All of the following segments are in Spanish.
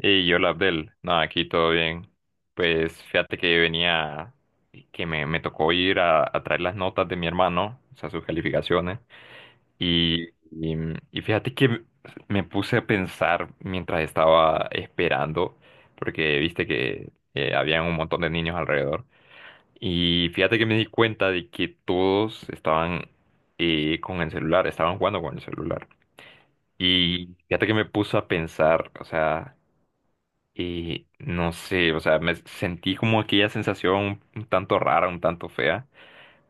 Y yo, Abdel, nada, aquí todo bien. Pues fíjate que venía, que me tocó ir a traer las notas de mi hermano, o sea, sus calificaciones. Y, y, y fíjate que me puse a pensar mientras estaba esperando, porque viste que habían un montón de niños alrededor. Y fíjate que me di cuenta de que todos estaban con el celular, estaban jugando con el celular. Y fíjate que me puso a pensar, o sea, y no sé, o sea, me sentí como aquella sensación un tanto rara, un tanto fea,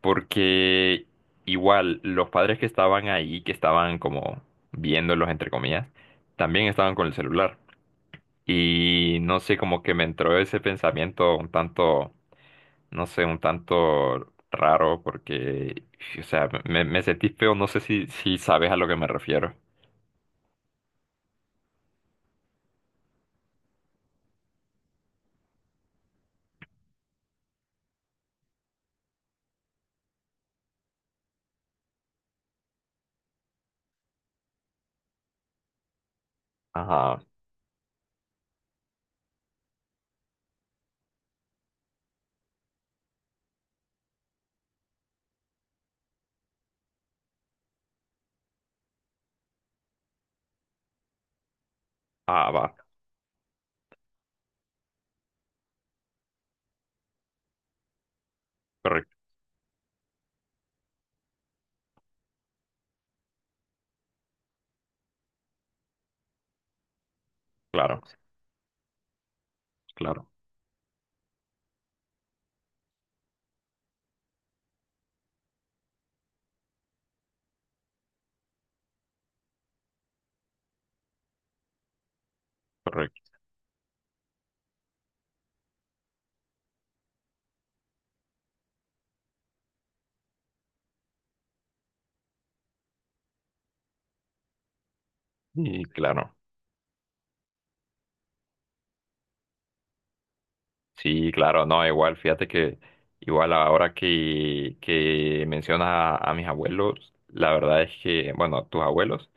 porque igual los padres que estaban ahí, que estaban como viéndolos, entre comillas, también estaban con el celular. Y no sé, como que me entró ese pensamiento un tanto, no sé, un tanto raro, porque, o sea, me sentí feo, no sé si, si sabes a lo que me refiero. Ajá, ah, va, correcto, claro, claro, correcto, y claro. Sí, claro, no, igual, fíjate que igual ahora que mencionas a mis abuelos, la verdad es que, bueno, tus abuelos,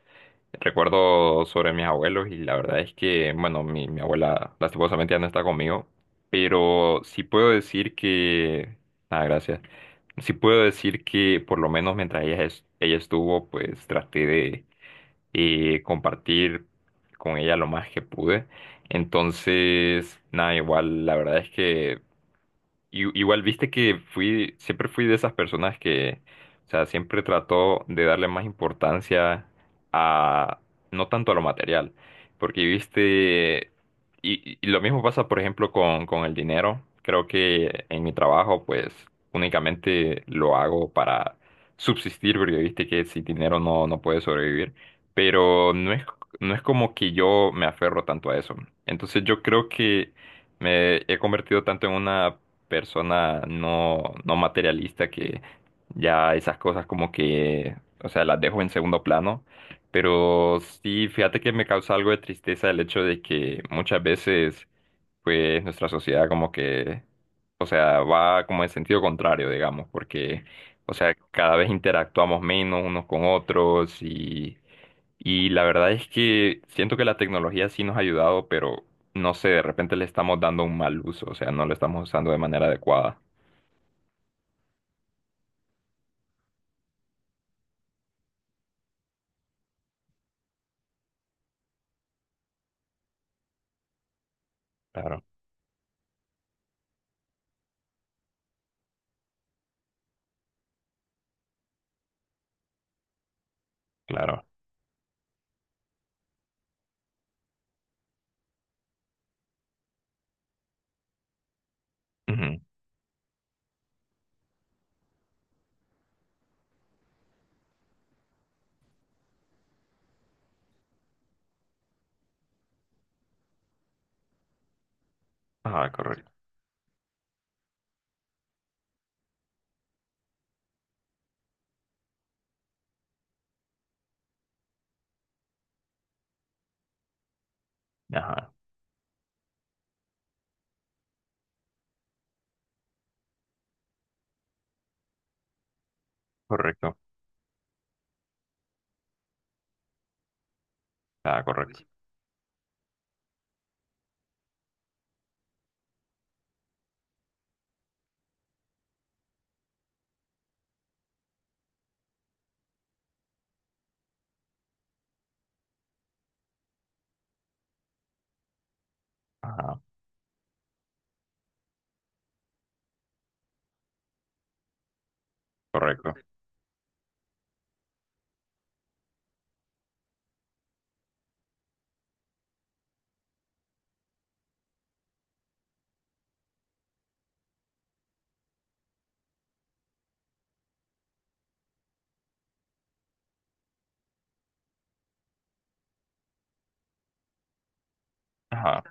recuerdo sobre mis abuelos y la verdad es que, bueno, mi abuela lastimosamente ya no está conmigo, pero sí puedo decir que, ah, gracias, sí puedo decir que por lo menos mientras ella, ella estuvo, pues traté de compartir con ella lo más que pude. Entonces, nada, igual, la verdad es que igual viste que fui, siempre fui de esas personas que, o sea, siempre trató de darle más importancia a, no tanto a lo material, porque viste, y lo mismo pasa, por ejemplo, con el dinero. Creo que en mi trabajo, pues, únicamente lo hago para subsistir, porque viste que sin dinero no, no puedes sobrevivir, pero no es, no es como que yo me aferro tanto a eso. Entonces yo creo que me he convertido tanto en una persona no, no materialista que ya esas cosas como que, o sea, las dejo en segundo plano. Pero sí, fíjate que me causa algo de tristeza el hecho de que muchas veces pues nuestra sociedad como que, o sea, va como en sentido contrario, digamos, porque, o sea, cada vez interactuamos menos unos con otros y la verdad es que siento que la tecnología sí nos ha ayudado, pero no sé, de repente le estamos dando un mal uso, o sea, no lo estamos usando de manera adecuada. Claro, claro. Ujú. Ajá, correcto. Ajá, correcto. Ajá, correcto. Ajá, correcto. Ajá,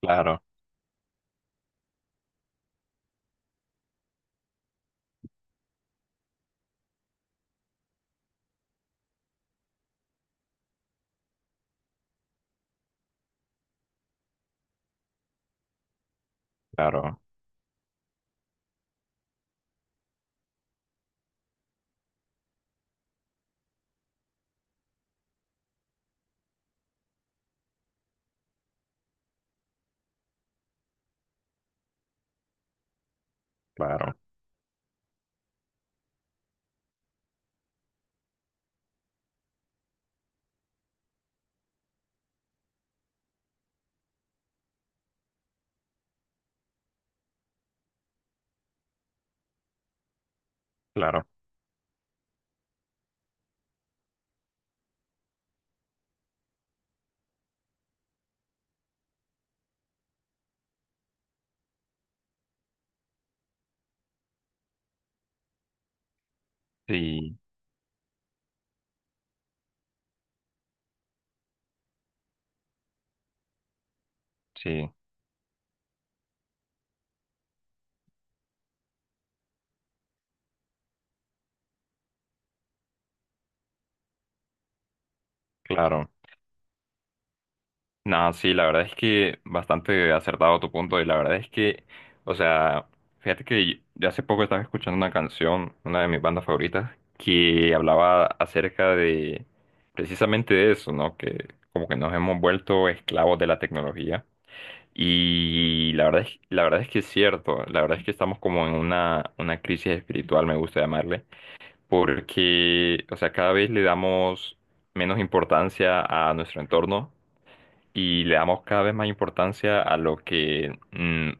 claro, claro, claro, claro. Sí, sí, claro. No, sí, la verdad es que bastante acertado tu punto y la verdad es que, o sea, fíjate que yo hace poco estaba escuchando una canción, una de mis bandas favoritas, que hablaba acerca de precisamente de eso, ¿no? Que como que nos hemos vuelto esclavos de la tecnología y la verdad es que es cierto, la verdad es que estamos como en una crisis espiritual, me gusta llamarle, porque, o sea, cada vez le damos menos importancia a nuestro entorno y le damos cada vez más importancia a lo que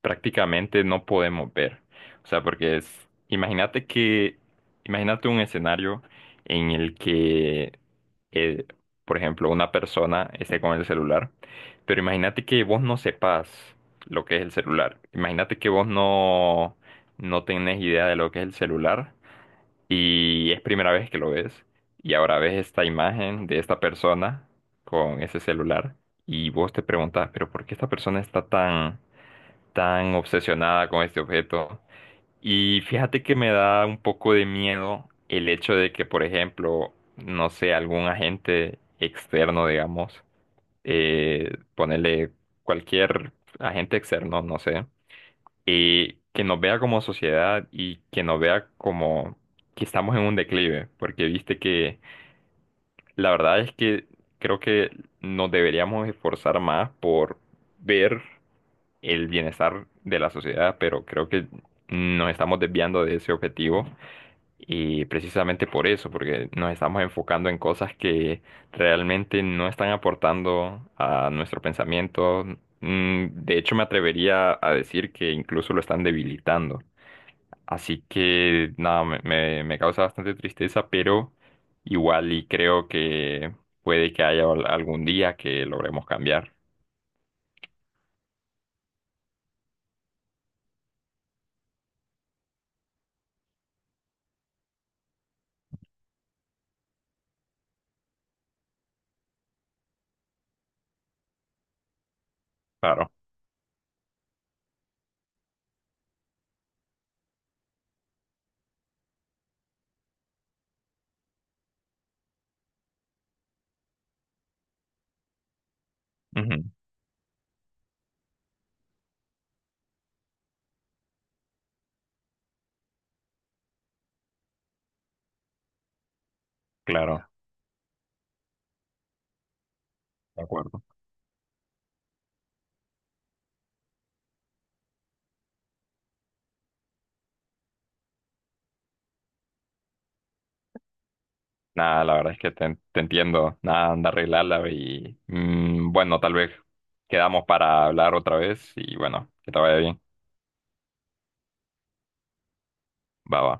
prácticamente no podemos ver. O sea, porque es, imagínate que, imagínate un escenario en el que, eh, por ejemplo, una persona esté con el celular, pero imagínate que vos no sepas lo que es el celular. Imagínate que vos no, no tenés idea de lo que es el celular y es primera vez que lo ves. Y ahora ves esta imagen de esta persona con ese celular. Y vos te preguntas, pero ¿por qué esta persona está tan, tan obsesionada con este objeto? Y fíjate que me da un poco de miedo el hecho de que, por ejemplo, no sé, algún agente externo, digamos, ponerle cualquier agente externo, no sé y que nos vea como sociedad y que nos vea como que estamos en un declive, porque viste que la verdad es que creo que nos deberíamos esforzar más por ver el bienestar de la sociedad, pero creo que nos estamos desviando de ese objetivo y precisamente por eso, porque nos estamos enfocando en cosas que realmente no están aportando a nuestro pensamiento. De hecho, me atrevería a decir que incluso lo están debilitando. Así que nada, me causa bastante tristeza, pero igual y creo que puede que haya algún día que logremos cambiar. Claro, ujú, claro, de acuerdo. Nada, la verdad es que te entiendo. Nada, anda a arreglarla y bueno, tal vez quedamos para hablar otra vez y bueno, que te vaya bien. Va, va.